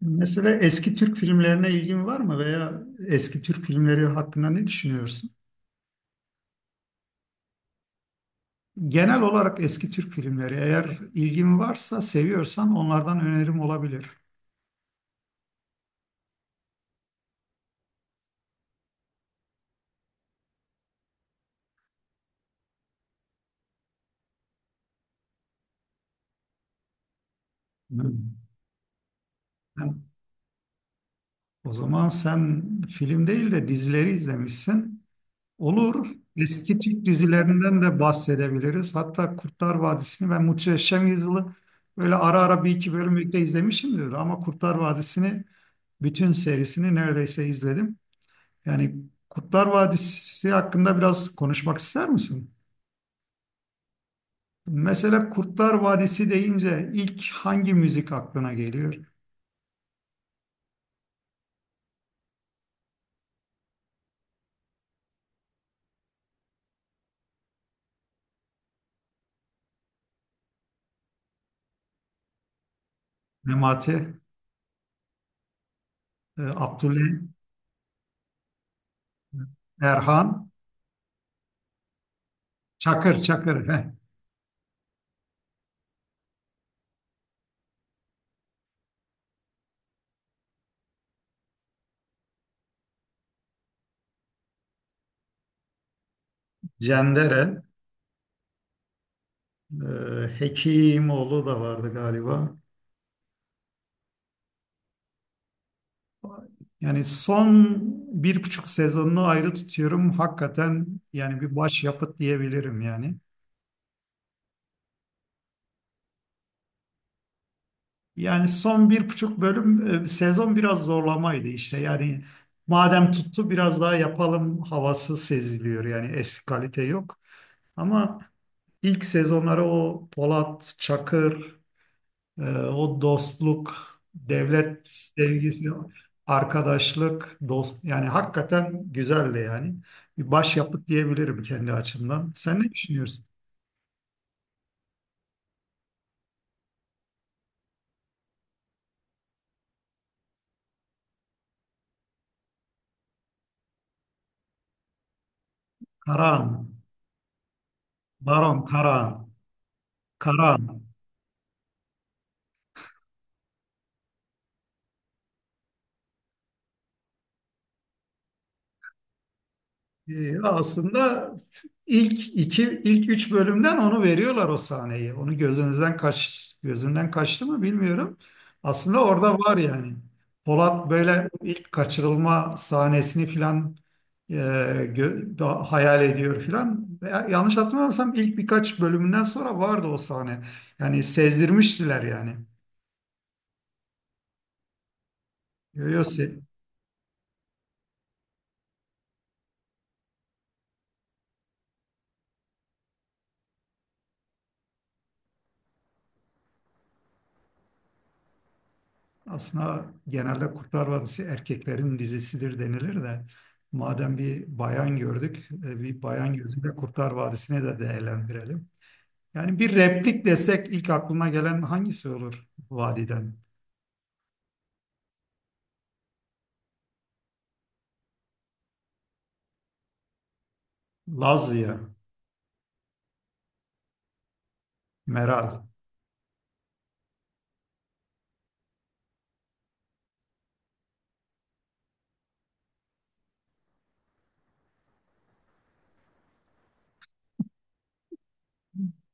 Mesela eski Türk filmlerine ilgin var mı veya eski Türk filmleri hakkında ne düşünüyorsun? Genel olarak eski Türk filmleri eğer ilgin varsa, seviyorsan onlardan önerim olabilir. Hmm. Sen- O zaman sen film değil de dizileri izlemişsin. Olur. Eski Türk dizilerinden de bahsedebiliriz. Hatta Kurtlar Vadisi'ni, ben Muhteşem Yüzyıl'ı böyle ara ara bir iki bölümlükte izlemişimdir ama Kurtlar Vadisi'ni bütün serisini neredeyse izledim. Yani Kurtlar Vadisi hakkında biraz konuşmak ister misin? Mesela Kurtlar Vadisi deyince ilk hangi müzik aklına geliyor? Memati, Abdullah, Erhan, Çakır, Çakır, heh. Cendere, Hekimoğlu da vardı galiba. Yani son bir buçuk sezonunu ayrı tutuyorum. Hakikaten yani bir başyapıt diyebilirim yani. Yani son bir buçuk bölüm sezon biraz zorlamaydı işte. Yani madem tuttu biraz daha yapalım havası seziliyor. Yani eski kalite yok. Ama ilk sezonları o Polat, Çakır, o dostluk, devlet sevgisi, arkadaşlık, dost, yani hakikaten güzeldi yani. Bir başyapıt diyebilirim kendi açımdan. Sen ne düşünüyorsun? Karahan, Baron Karahan, Karahan. Aslında ilk üç bölümden onu veriyorlar, o sahneyi. Onu gözünden kaçtı mı bilmiyorum. Aslında orada var yani. Polat böyle ilk kaçırılma sahnesini filan hayal ediyor filan. Veya yanlış hatırlamıyorsam ilk birkaç bölümünden sonra vardı o sahne. Yani sezdirmiştiler yani. Yo, yo, se- Aslında genelde Kurtlar Vadisi erkeklerin dizisidir denilir de, madem bir bayan gördük, bir bayan gözüyle Kurtlar Vadisi'ni de değerlendirelim. Yani bir replik desek, ilk aklına gelen hangisi olur vadiden? Lazya, Meral.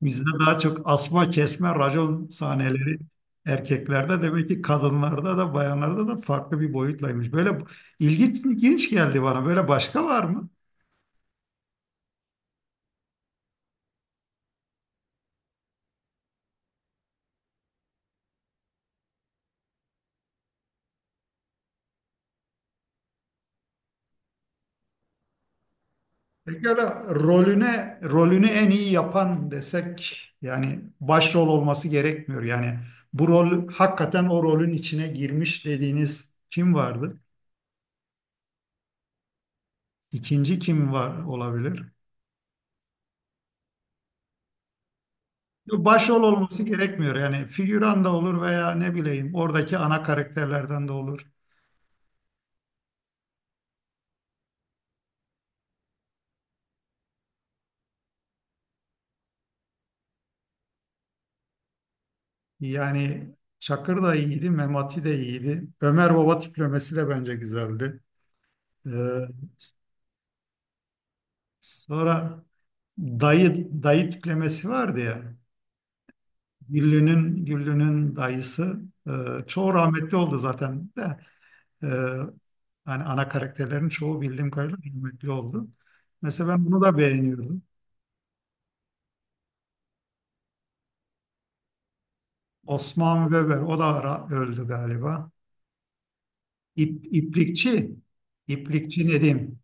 Bizde daha çok asma kesme racon sahneleri, erkeklerde demek ki, kadınlarda da, bayanlarda da farklı bir boyutlaymış. Böyle ilginç geldi bana. Böyle başka var mı? Pekala rolünü en iyi yapan desek, yani başrol olması gerekmiyor. Yani bu rol hakikaten o rolün içine girmiş dediğiniz kim vardı? İkinci kim var olabilir? Başrol olması gerekmiyor. Yani figüran da olur veya ne bileyim oradaki ana karakterlerden de olur. Yani Çakır da iyiydi, Memati de iyiydi. Ömer Baba tiplemesi de bence güzeldi. Ee, s- Sonra dayı tiplemesi vardı ya. Güllü'nün dayısı, e, çoğu rahmetli oldu zaten de, e, hani ana karakterlerin çoğu bildiğim kadarıyla rahmetli oldu. Mesela ben bunu da beğeniyordum. Osman Weber, o da öldü galiba. İplikçi. İplikçi ne diyeyim?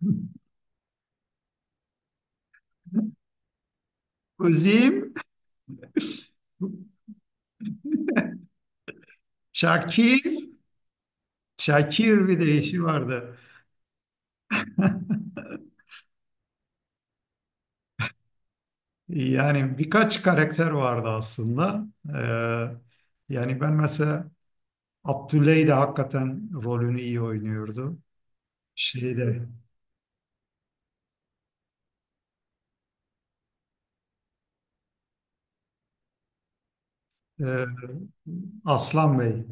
Kuzim, Şakir, Şakir bir de eşi vardı. Yani birkaç karakter vardı aslında. Yani ben mesela Abdüley de hakikaten rolünü iyi oynuyordu. Şeyde, e, Aslan Bey.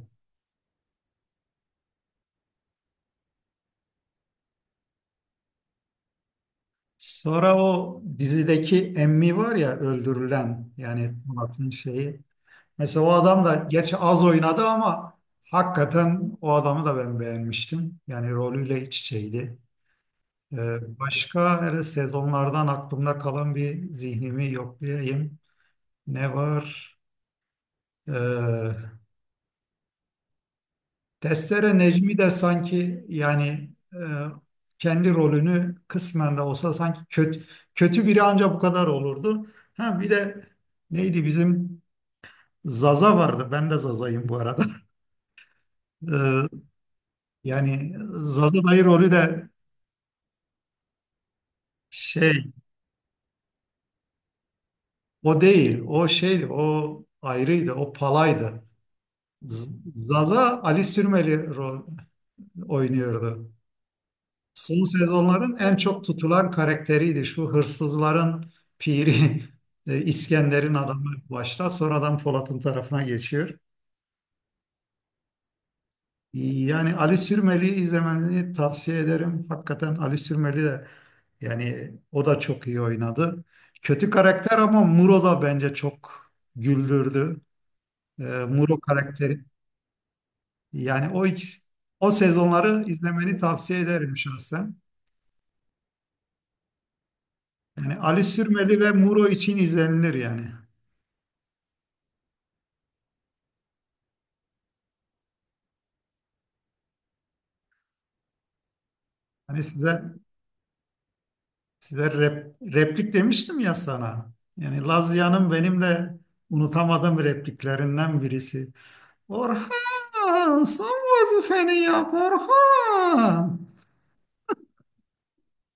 Sonra o dizideki Emmi var ya, öldürülen, yani Murat'ın şeyi. Mesela o adam da gerçi az oynadı ama hakikaten o adamı da ben beğenmiştim. Yani rolüyle iç içeydi. E, başka hele sezonlardan aklımda kalan bir, zihnimi yoklayayım. Ne var? E, Testere Necmi de sanki yani, kendi rolünü kısmen de olsa sanki kötü biri ancak bu kadar olurdu. Ha bir de neydi bizim Zaza vardı. Ben de Zaza'yım bu arada. E, yani Zaza dayı rolü de, şey, o değil. O şeydi. O ayrıydı. O palaydı. Z- Zaza Ali Sürmeli rol oynuyordu. Son sezonların en çok tutulan karakteriydi. Şu hırsızların piri İskender'in adamı başta, sonradan Polat'ın tarafına geçiyor. Yani Ali Sürmeli'yi izlemeni tavsiye ederim. Hakikaten Ali Sürmeli de, yani o da çok iyi oynadı. Kötü karakter ama Muro da bence çok güldürdü. Muro karakteri, yani o ikisi, o sezonları izlemeni tavsiye ederim şahsen. Yani Ali Sürmeli ve Muro için izlenilir yani. Hani size replik demiştim ya sana. Yani Lazia'nın benim de unutamadığım repliklerinden birisi. Orhan, son vazifeni yap Orhan.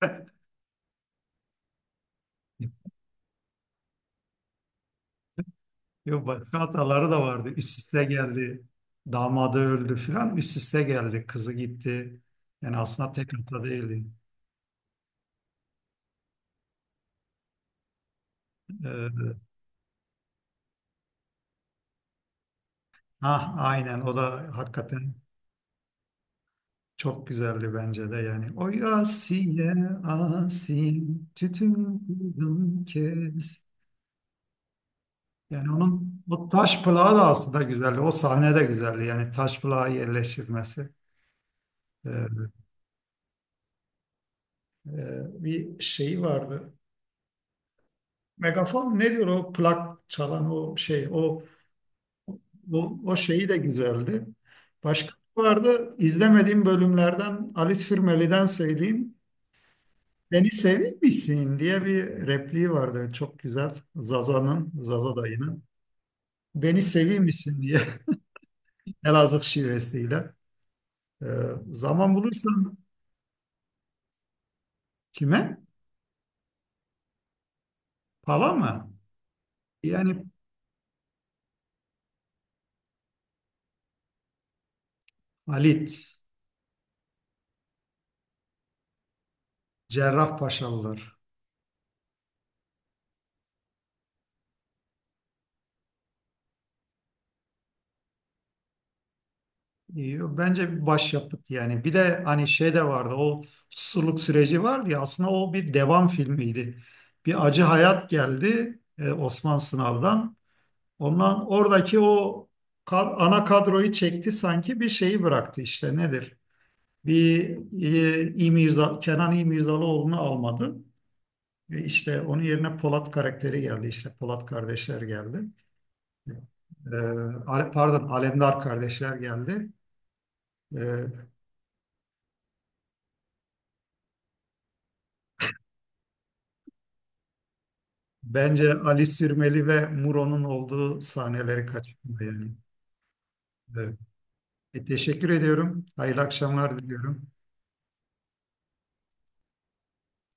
Yok, başka hataları da vardı. Üst üste geldi. Damadı öldü filan. Üst üste geldi. Kızı gitti. Yani aslında tek hata değildi. Ee, ah, aynen, o da hakikaten çok güzeldi bence de yani. Oy Asiye, Asiye, tütün kurdum kes. Yani onun o taş plağı da aslında güzeldi. O sahne de güzeldi. Yani taş plağı yerleştirmesi. Ee, Bir şeyi vardı. Megafon ne diyor o plak çalan o şey. O şeyi de güzeldi. Başka vardı. İzlemediğim bölümlerden Ali Sürmeli'den söyleyeyim. Beni sevmişsin diye bir repliği vardı. Çok güzel. Zaza'nın, Zaza dayının. Beni sevmişsin diye. Elazığ şivesiyle. Ee, zaman bulursan, kime? Pala mı? Yani Halit, Cerrahpaşalılar. Bence bir başyapıt yani. Bir de hani şey de vardı. O susurluk süreci vardı ya. Aslında o bir devam filmiydi. Bir Acı Hayat geldi Osman Sınav'dan. Ondan oradaki o ana kadroyu çekti, sanki bir şeyi bıraktı işte nedir? Bir Kenan İmirzalıoğlu'nu almadı. Ve işte onun yerine Polat karakteri geldi, işte Polat kardeşler geldi. Ee, Pardon, Alemdar kardeşler geldi. Ee, bence Ali Sirmeli ve Muro'nun olduğu sahneleri kaçırdı yani. Evet. E, teşekkür ediyorum. Hayırlı akşamlar diliyorum.